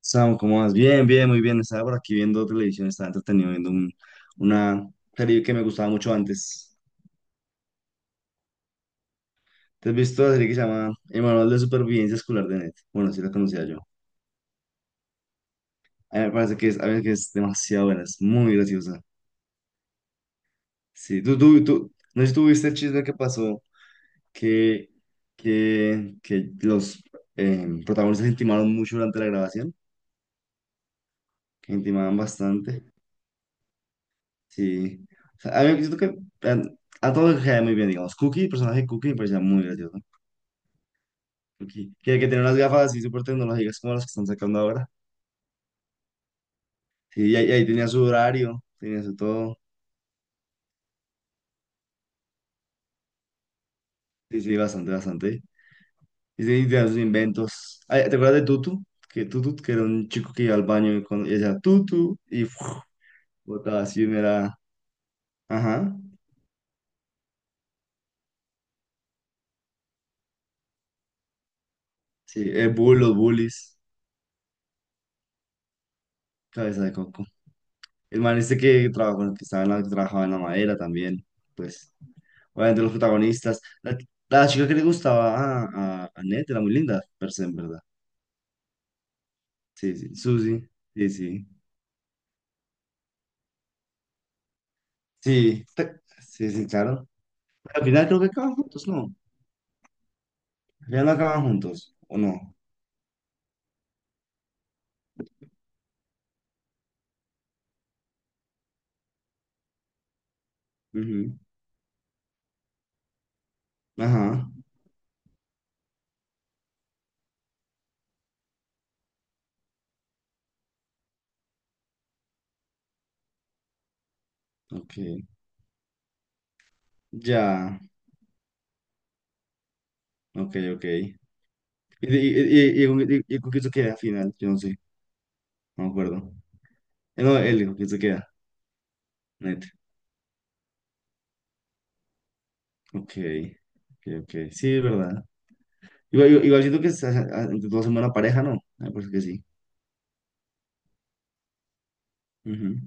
Samu, ¿cómo vas? Bien, muy bien. Estaba por aquí viendo televisión, estaba entretenido viendo una serie que me gustaba mucho antes. ¿Te has visto la serie que se llama El Manual de Supervivencia Escolar de Net? Bueno, sí la conocía yo. A mí me parece que es demasiado buena, es muy graciosa. Sí, tú, no sé si tuviste el chisme que pasó, que, que los protagonistas intimaron mucho durante la grabación, que intimaban bastante. Sí, o sea, a mí me siento que... eh, A todos les caía muy bien, digamos. Cookie, el personaje de Cookie me parecía muy gracioso. Porque que tenía unas gafas así súper tecnológicas como las que están sacando ahora. Sí, y ahí tenía su horario, tenía su todo. Sí, sí, bastante, bastante. Y sí, tenía sus inventos. Ay, ¿te acuerdas de Tutu? Que Tutu, que era un chico que iba al baño y, cuando decía Tutu y ¡fuf! Botaba así, era. Ajá. Sí, el bull, los bullies, cabeza de coco. El man este que trabajaba, bueno, que estaba en la, que trabajaba en la madera también. Pues, obviamente los protagonistas. La chica que le gustaba a Ned era muy linda, per se, en verdad. Sí, sí, Susi, sí, sí, sí, te- sí, sí, claro. Al final creo que acaban juntos, ¿no? Al final no acaban juntos, ¿o no? Ujú. Ajá, ok, ya, ok, ok. ¿Y, con y con quién se queda al final? Yo no sé, no me acuerdo. No, él, ¿con quién se queda? Net, ok, ok, ok, sí, es verdad. Igual, igual, igual siento que se hace- a- entre todos son buena pareja, ¿no? Me parece que sí. Ujú.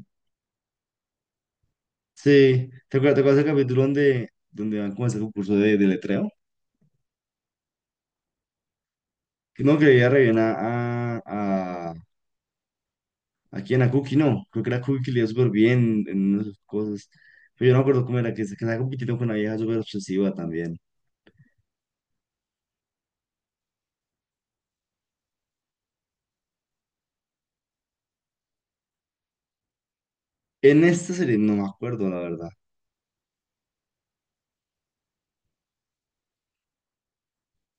Sí, ¿te acuerdas del capítulo donde, donde van como a ese concurso de letreo? No, que veía re bien a, a, a quién, a Cookie, no. Creo que era Cookie que le iba súper bien en esas cosas. Pero yo no me acuerdo cómo era, que se que estaba compitiendo con una vieja súper obsesiva también. En esta serie no me acuerdo, la verdad.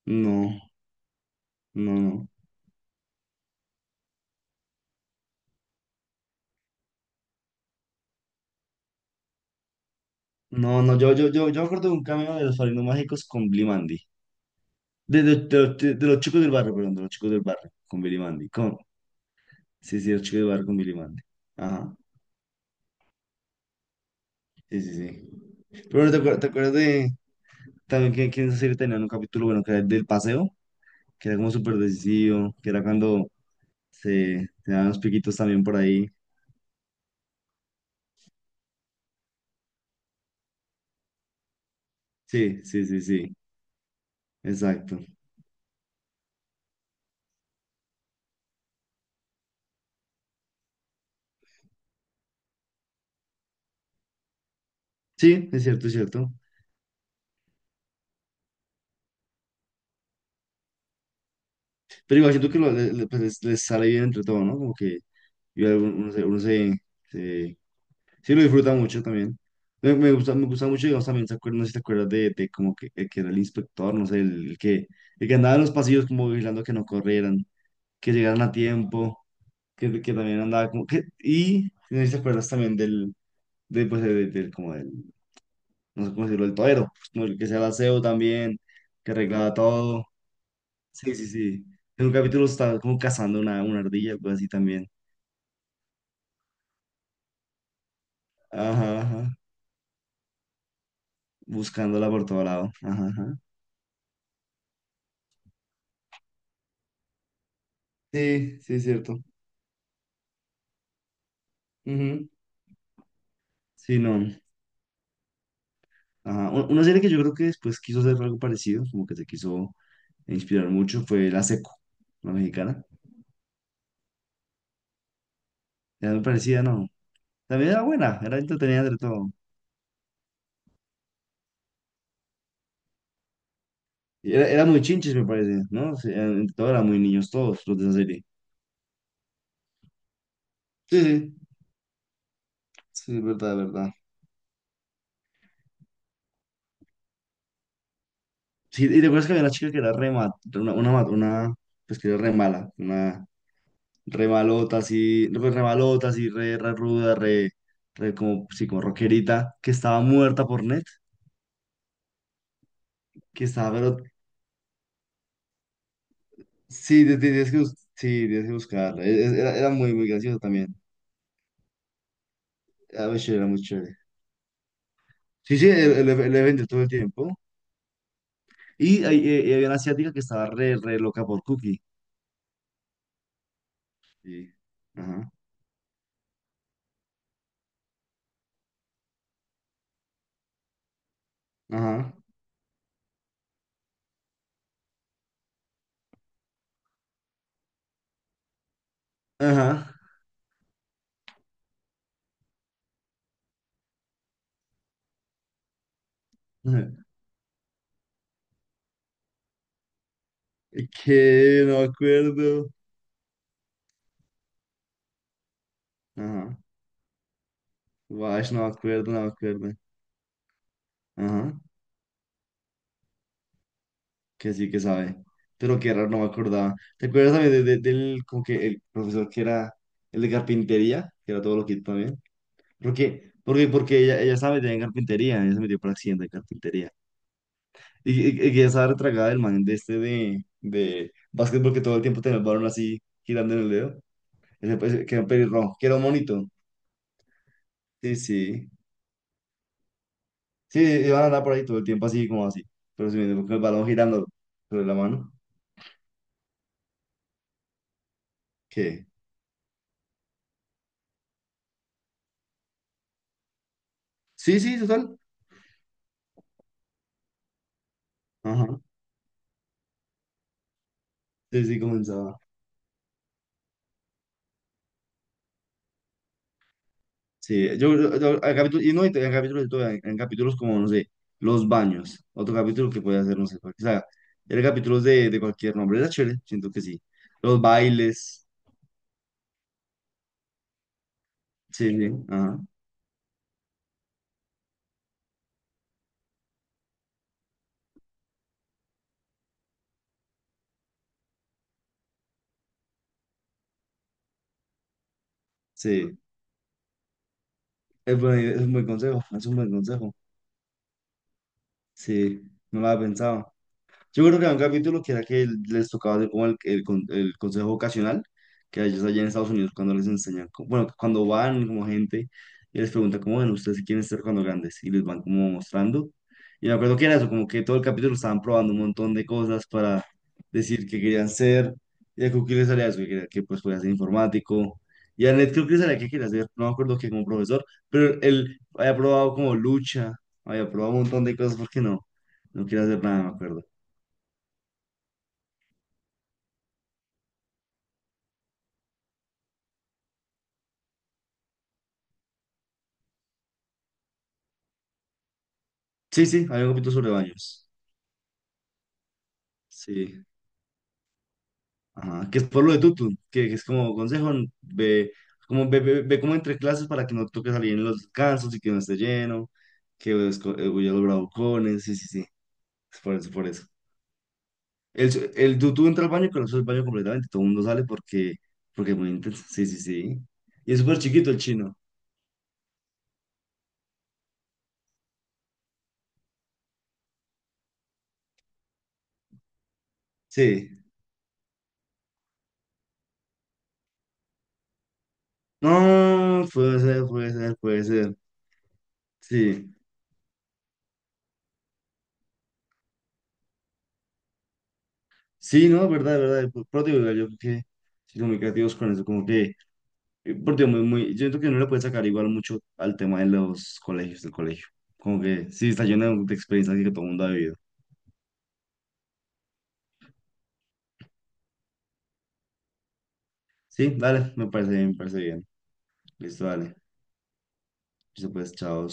No, no, no. No, no, yo me acuerdo de un cameo de los Padrinos Mágicos con Billy Mandy. De los chicos del barrio, perdón, de los chicos del barrio, con Billy Mandy. Con, sí, sí, los chicos del barrio con Billy Mandy. Ajá, sí, sí, sí. Pero bueno, ¿te acuer- te acuerdas, de también que en esa serie tenían un capítulo, bueno, que era el del paseo? Que era como súper decisivo, que era cuando se daban los piquitos también por ahí. Sí, sí, sí, sí, exacto. Sí, es cierto, es cierto. Pero igual siento que pues, les sale bien entre todo, ¿no? Como que igual uno se- sí lo disfruta mucho también. Me gusta, me gusta mucho, digamos, también, ¿te acuer- no sé si te acuerdas de como que, el que era el inspector, no sé, el que, el que andaba en los pasillos como vigilando que no corrieran, que llegaran a tiempo, que también andaba como que... Y no sé si te acuerdas también del, de, pues, como del, no sé cómo decirlo, el torero, pues, como el que se el aseo también, que arreglaba todo. Sí, sí, sí. En un capítulo estaba como cazando una ardilla, algo así también. Ajá, ajá. Buscándola por todo lado. Ajá, ajá. Sí, sí, es cierto. Ujú. Sí, no. Ajá. U- Una serie que yo creo que después quiso hacer algo parecido, como que se quiso inspirar mucho, fue La Seco, la mexicana. Era muy parecida, ¿no? También era buena, era entretenida entre todo. Era muy chinches, me parece, ¿no? Sí, eran- entre todos eran muy niños, todos los de esa serie. Sí, sí, sí, es verdad, es verdad. Sí, y recuerdas que había una chica que era re ma- una, ma- una, pues que era re mala, una re malota, así, no, pues re malota, así, re, re ruda, re, re como, sí, como rockerita, que estaba muerta por net, que estaba, pero sí, tienes que, sí, tienes que buscarla. Era, era muy, muy gracioso también. A veces era muy chévere. Sí, sí, el evento todo el tiempo. Y, había una asiática que estaba re, re loca por Cookie. Sí. Ajá, ajá, ajá. Ajá. Que no me acuerdo. Ajá. Wash, no me acuerdo, no me acuerdo. Ajá. Que sí que sabe. Pero qué raro, no me acordaba. ¿Te acuerdas también del, como que el profesor que era el de carpintería? Que era todo loquito también. Porque ella, ella sabe de carpintería. Ella se metió por accidente de carpintería. Y que esa retragada del man de este de básquetbol que todo el tiempo tenía el balón así girando en el dedo. Ese, pues, que era un pelirrojo, que era un monito. Sí, sí. Sí, iban a andar por ahí todo el tiempo así como así. Pero sí, con el balón girando sobre la mano. ¿Qué? Sí, sí, total. Ajá. Sí, sí, comenzaba. Sí, yo hay capítulos, y no, y en capítulos, y todo, en capítulos como, no sé, los baños. Otro capítulo que puede hacer, no sé, cual- o sea, era capítulos de cualquier nombre. Era chévere, siento que sí. Los bailes. Sí, sí, ajá. Sí, es, es un buen consejo, es un buen consejo. Sí, no lo había pensado. Yo creo que había un capítulo que era que les tocaba hacer como el consejo vocacional, que a ellos allá en Estados Unidos cuando les enseñan, co- bueno, cuando van como gente y les preguntan como, bueno, ¿ustedes qué quieren ser cuando grandes? Y les van como mostrando. Y me acuerdo que era eso, como que todo el capítulo estaban probando un montón de cosas para decir qué querían ser. Y a Cookie le salía eso, que, quería- que pues podía ser informático. Y a Ned creo que le salía que quería ser, no me acuerdo que como profesor, pero él había probado como lucha, había probado un montón de cosas, ¿por qué no? No quiere hacer nada, me acuerdo. Sí, sí, hay un capítulo sobre baños. Sí. Ajá. Que es por lo de Tutu, que es como consejo, ve como, ve como entre clases para que no toque salir en los descansos y que no esté lleno, que esco- huya los bravucones, sí, sí, sí. Es por eso, por eso. El, el Tutu entra al baño y conoce el baño completamente, todo el mundo sale porque, porque es muy intenso. Sí, sí, sí. Y es súper chiquito el chino. Sí. No, puede ser, puede ser, puede ser. Sí. Sí, no, es verdad, es verdad. Pero te digo, yo creo que... significativos con eso, como que Porque muy, muy, yo siento que no le puede sacar igual mucho al tema de los colegios, del colegio. Como que sí, está lleno de experiencias que todo el mundo ha vivido. Sí, dale, me parece bien, me parece bien. Listo, dale. Listo, pues, chao.